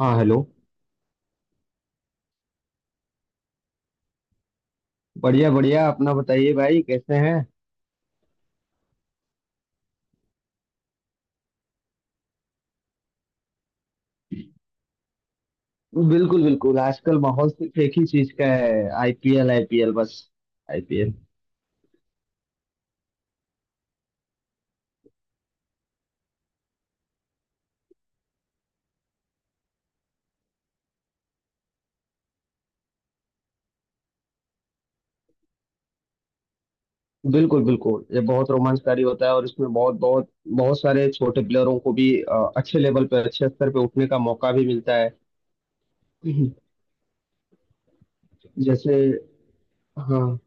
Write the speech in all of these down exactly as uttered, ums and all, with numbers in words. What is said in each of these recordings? हाँ, हेलो। बढ़िया बढ़िया, अपना बताइए भाई, कैसे हैं? बिल्कुल बिल्कुल, आजकल माहौल सिर्फ एक ही चीज का है। आईपीएल, आईपीएल, बस आईपीएल। बिल्कुल बिल्कुल, ये बहुत रोमांचकारी होता है और इसमें बहुत बहुत बहुत सारे छोटे प्लेयरों को भी अ, अच्छे लेवल पे, अच्छे स्तर पे उठने का मौका भी मिलता है। हम्म। जैसे, हाँ,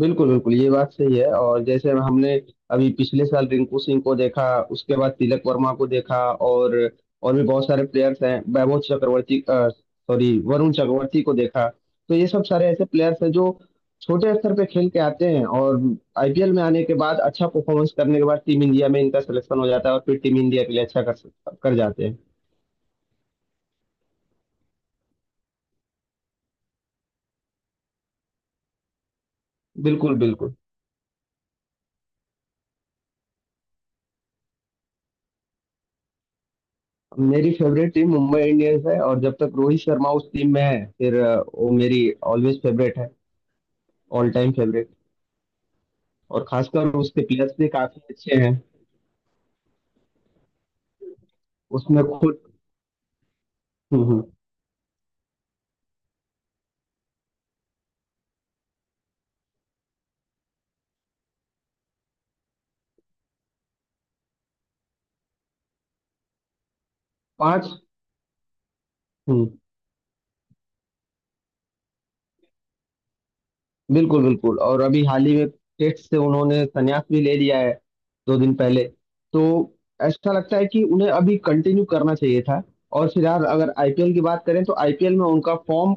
बिल्कुल बिल्कुल, ये बात सही है। और जैसे हमने अभी पिछले साल रिंकू सिंह को देखा, उसके बाद तिलक वर्मा को देखा, और और भी बहुत सारे प्लेयर्स हैं। वैभव चक्रवर्ती, सॉरी, वरुण चक्रवर्ती को देखा। तो ये सब सारे ऐसे प्लेयर्स हैं जो छोटे स्तर पे खेल के आते हैं और आईपीएल में आने के बाद अच्छा परफॉर्मेंस करने के बाद टीम इंडिया में इनका सिलेक्शन हो जाता है और फिर टीम इंडिया के लिए अच्छा कर कर जाते हैं। बिल्कुल बिल्कुल, मेरी फेवरेट टीम मुंबई इंडियंस है, और जब तक रोहित शर्मा उस टीम में है फिर अ, वो मेरी ऑलवेज फेवरेट है, ऑल टाइम फेवरेट। और खासकर उसके प्लेयर्स भी काफी अच्छे हैं। उसमें खुद। हम्म हम्म। पांच। हम्म। बिल्कुल बिल्कुल, और अभी हाल ही में टेस्ट से उन्होंने संन्यास भी ले लिया है, दो दिन पहले। तो ऐसा लगता है कि उन्हें अभी कंटिन्यू करना चाहिए था। और फिर यार, अगर आईपीएल की बात करें तो आईपीएल में उनका फॉर्म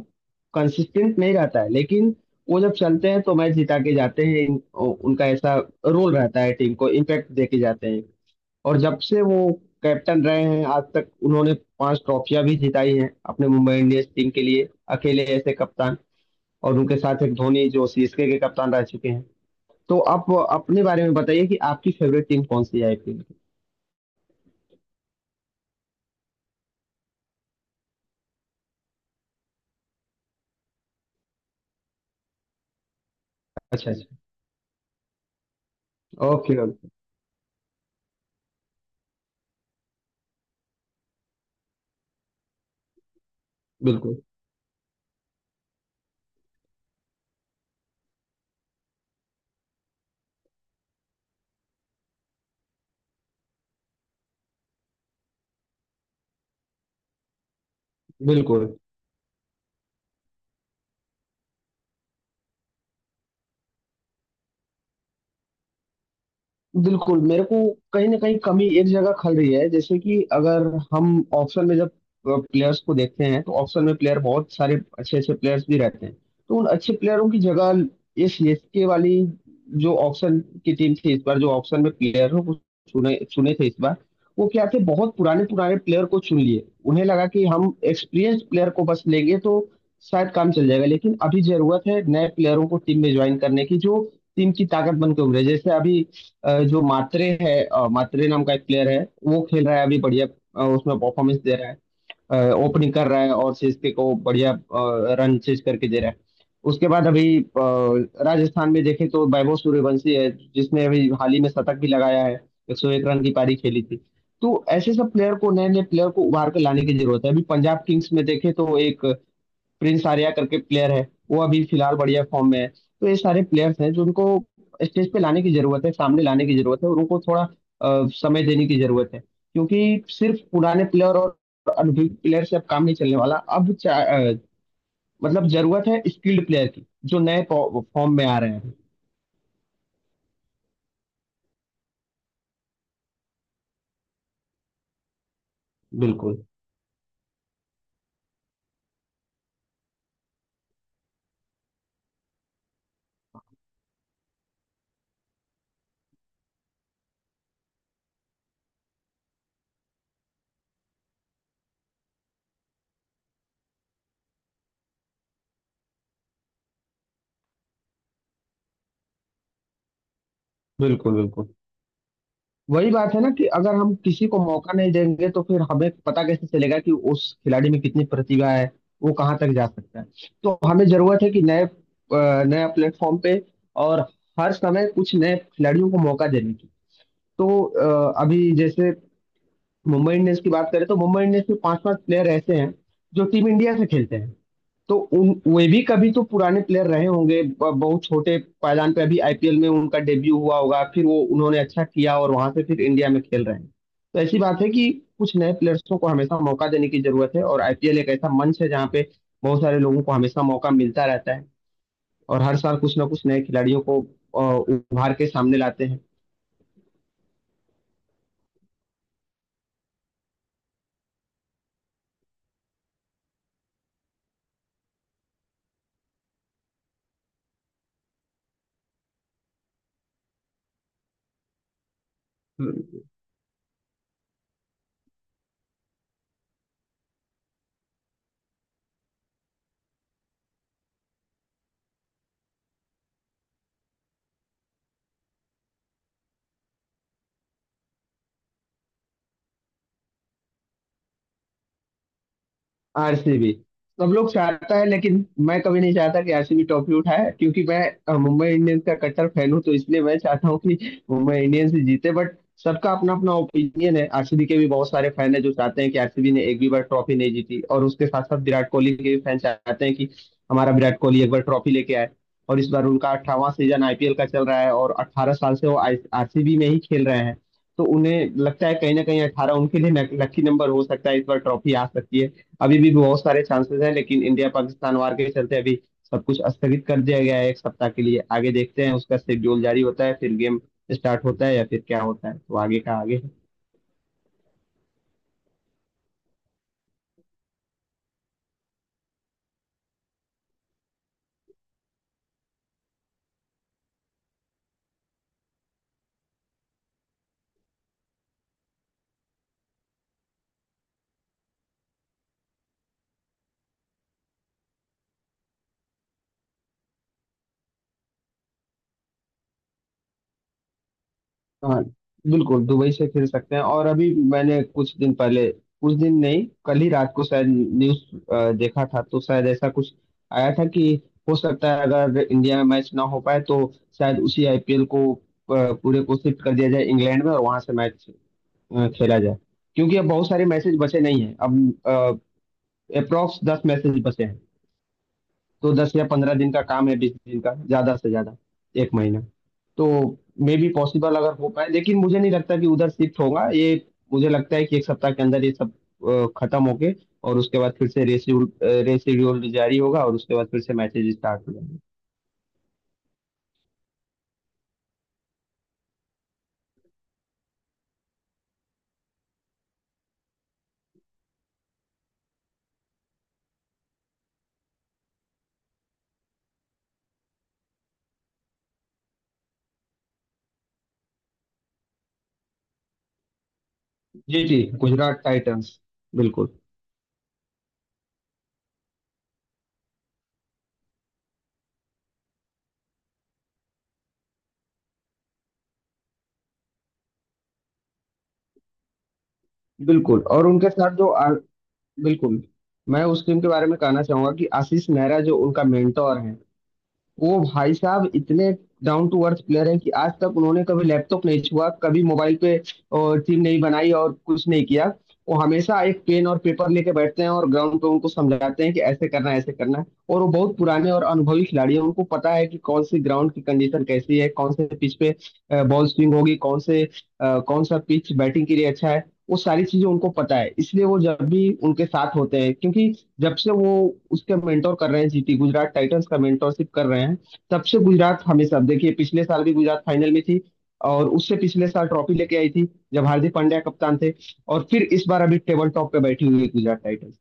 कंसिस्टेंट नहीं रहता है, लेकिन वो जब चलते हैं तो मैच जिता के जाते हैं। इन- उनका ऐसा रोल रहता है, टीम को इम्पैक्ट दे के जाते हैं। और जब से वो कैप्टन रहे हैं, आज तक उन्होंने पांच ट्रॉफियां भी जिताई हैं अपने मुंबई इंडियंस टीम के लिए, अकेले ऐसे कप्तान। और उनके साथ एक धोनी जो सीएसके के कप्तान रह चुके हैं। तो आप अपने बारे में बताइए कि आपकी फेवरेट टीम कौन सी है आईपीएल की। अच्छा अच्छा। Okay okay. बिल्कुल बिल्कुल बिल्कुल मेरे को कहीं ना कहीं कमी एक जगह खल रही है। जैसे कि अगर हम ऑप्शन में जब प्लेयर्स को देखते हैं तो ऑप्शन में प्लेयर, बहुत सारे अच्छे अच्छे प्लेयर्स भी रहते हैं। तो उन अच्छे प्लेयरों की जगह ये सीएसके वाली जो ऑप्शन की टीम थी इस बार, जो ऑप्शन में प्लेयर हो वो चुने चुने थे इस बार। वो क्या थे, बहुत पुराने पुराने प्लेयर को चुन लिए। उन्हें लगा कि हम एक्सपीरियंस प्लेयर को बस लेंगे तो शायद काम चल जाएगा, लेकिन अभी जरूरत है नए प्लेयरों को टीम में ज्वाइन करने की, जो टीम की ताकत बनकर उभरे। जैसे अभी अ, जो मात्रे है, अ, मात्रे नाम का एक प्लेयर है, वो खेल रहा है अभी बढ़िया। अ, उसमें परफॉर्मेंस दे रहा है, ओपनिंग कर रहा है और सीएसके को बढ़िया रन चेज करके दे रहा है। उसके बाद अभी अ, राजस्थान में देखें तो वैभव सूर्यवंशी है, जिसने अभी हाल ही में शतक भी लगाया है, एक सौ एक रन की पारी खेली थी। तो ऐसे सब प्लेयर को, नए नए प्लेयर को उभार कर लाने की जरूरत है। अभी पंजाब किंग्स में देखें तो एक प्रिंस आर्या करके प्लेयर है, वो अभी फिलहाल बढ़िया फॉर्म में है। तो ये सारे प्लेयर्स हैं जो उनको स्टेज पे लाने की जरूरत है, सामने लाने की जरूरत है। और उनको थोड़ा अ, समय देने की जरूरत है, क्योंकि सिर्फ पुराने प्लेयर और अनुभवी प्लेयर से अब काम नहीं चलने वाला। अब चा- अ, मतलब जरूरत है स्किल्ड प्लेयर की, जो नए फॉर्म में आ रहे हैं। बिल्कुल बिल्कुल बिल्कुल वही बात है ना कि अगर हम किसी को मौका नहीं देंगे तो फिर हमें पता कैसे चलेगा कि उस खिलाड़ी में कितनी प्रतिभा है, वो कहाँ तक जा सकता है। तो हमें जरूरत है कि नए, अ, नया प्लेटफॉर्म पे और हर समय कुछ नए खिलाड़ियों को मौका देने की। तो अ, अभी जैसे मुंबई इंडियंस की बात करें तो मुंबई इंडियंस में पांच पांच प्लेयर ऐसे हैं जो टीम इंडिया से खेलते हैं। तो उन, वे भी कभी तो पुराने प्लेयर रहे होंगे। ब- बहुत छोटे पायदान पे अभी आईपीएल में उनका डेब्यू हुआ होगा, फिर वो, उन्होंने अच्छा किया और वहां से फिर इंडिया में खेल रहे हैं। तो ऐसी बात है कि कुछ नए प्लेयर्सों को हमेशा मौका देने की जरूरत है और आईपीएल एक ऐसा मंच है जहाँ पे बहुत सारे लोगों को हमेशा मौका मिलता रहता है। और हर साल कुछ ना कुछ नए खिलाड़ियों को अ, उभार के सामने लाते हैं। आरसीबी। सब लोग चाहता है लेकिन मैं कभी नहीं चाहता कि आरसीबी ट्रॉफी उठाए, क्योंकि मैं अ, मुंबई इंडियंस का कट्टर फैन हूं। तो इसलिए मैं चाहता हूं कि मुंबई इंडियंस ही जीते। बट सबका अपना अपना ओपिनियन है। आरसीबी के भी बहुत सारे फैन है जो चाहते हैं कि आरसीबी ने एक भी बार ट्रॉफी नहीं जीती, और उसके साथ साथ विराट कोहली के भी फैन चाहते हैं कि हमारा विराट कोहली एक बार ट्रॉफी लेके आए। और इस बार उनका अठारहवां सीजन आईपीएल का चल रहा है और अठारह साल से वो आरसीबी में ही खेल रहे हैं। तो उन्हें लगता है कहीं ना कहीं अठारह उनके लिए लकी नंबर हो सकता है, इस बार ट्रॉफी आ सकती है। अभी भी बहुत सारे चांसेस हैं, लेकिन इंडिया पाकिस्तान वार के चलते अभी सब कुछ स्थगित कर दिया गया है एक सप्ताह के लिए। आगे देखते हैं उसका शेड्यूल जारी होता है, फिर गेम स्टार्ट होता है या फिर क्या होता है। तो आगे का आगे है। हाँ, बिल्कुल दुबई से खेल सकते हैं। और अभी मैंने कुछ दिन पहले, कुछ दिन नहीं, कल ही रात को शायद न्यूज देखा था, तो शायद ऐसा कुछ आया था कि हो सकता है अगर इंडिया में मैच ना हो पाए तो शायद उसी आईपीएल को अ, पूरे को शिफ्ट कर दिया जाए इंग्लैंड में और वहां से मैच अ, खेला जाए। क्योंकि अब बहुत सारे मैसेज बचे नहीं हैं, अब अप्रोक्स दस मैसेज बचे हैं। तो दस या पंद्रह दिन का काम है, बीस दिन का ज्यादा से ज्यादा, एक महीना। तो मे बी पॉसिबल अगर हो पाए, लेकिन मुझे नहीं लगता कि उधर शिफ्ट होगा ये। मुझे लगता है कि एक सप्ताह के अंदर ये सब अ, खत्म होके, और उसके बाद फिर से रेशिड्यूल रेशिड्यूल जारी होगा और उसके बाद फिर से मैचेज स्टार्ट हो जाएंगे। जी जी, गुजरात टाइटंस, बिल्कुल बिल्कुल। और उनके साथ जो, बिल्कुल, मैं उस टीम के बारे में कहना चाहूंगा कि आशीष नेहरा जो उनका मेंटोर है, वो भाई साहब इतने डाउन टू अर्थ प्लेयर हैं कि आज तक उन्होंने कभी लैपटॉप नहीं छुआ, कभी मोबाइल पे टीम नहीं बनाई और कुछ नहीं किया। वो हमेशा एक पेन और पेपर लेके बैठते हैं और ग्राउंड पे उनको समझाते हैं कि ऐसे करना है, ऐसे करना है। और वो बहुत पुराने और अनुभवी खिलाड़ी हैं, उनको पता है कि कौन सी ग्राउंड की कंडीशन कैसी है, कौन से पिच पे बॉल स्विंग होगी, कौन से अ, कौन सा पिच बैटिंग के लिए अच्छा है। वो सारी चीजें उनको पता है। इसलिए वो जब भी उनके साथ होते हैं, क्योंकि जब से वो उसके मेंटोर कर रहे हैं, जीटी गुजरात टाइटंस का मेंटोरशिप कर रहे हैं, तब से गुजरात हमेशा देखिए पिछले साल भी गुजरात फाइनल में थी और उससे पिछले साल ट्रॉफी लेके आई थी जब हार्दिक पांड्या कप्तान थे। और फिर इस बार अभी टेबल टॉप पे बैठी हुई है गुजरात टाइटंस।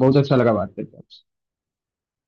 बहुत अच्छा लगा बात करके आपसे।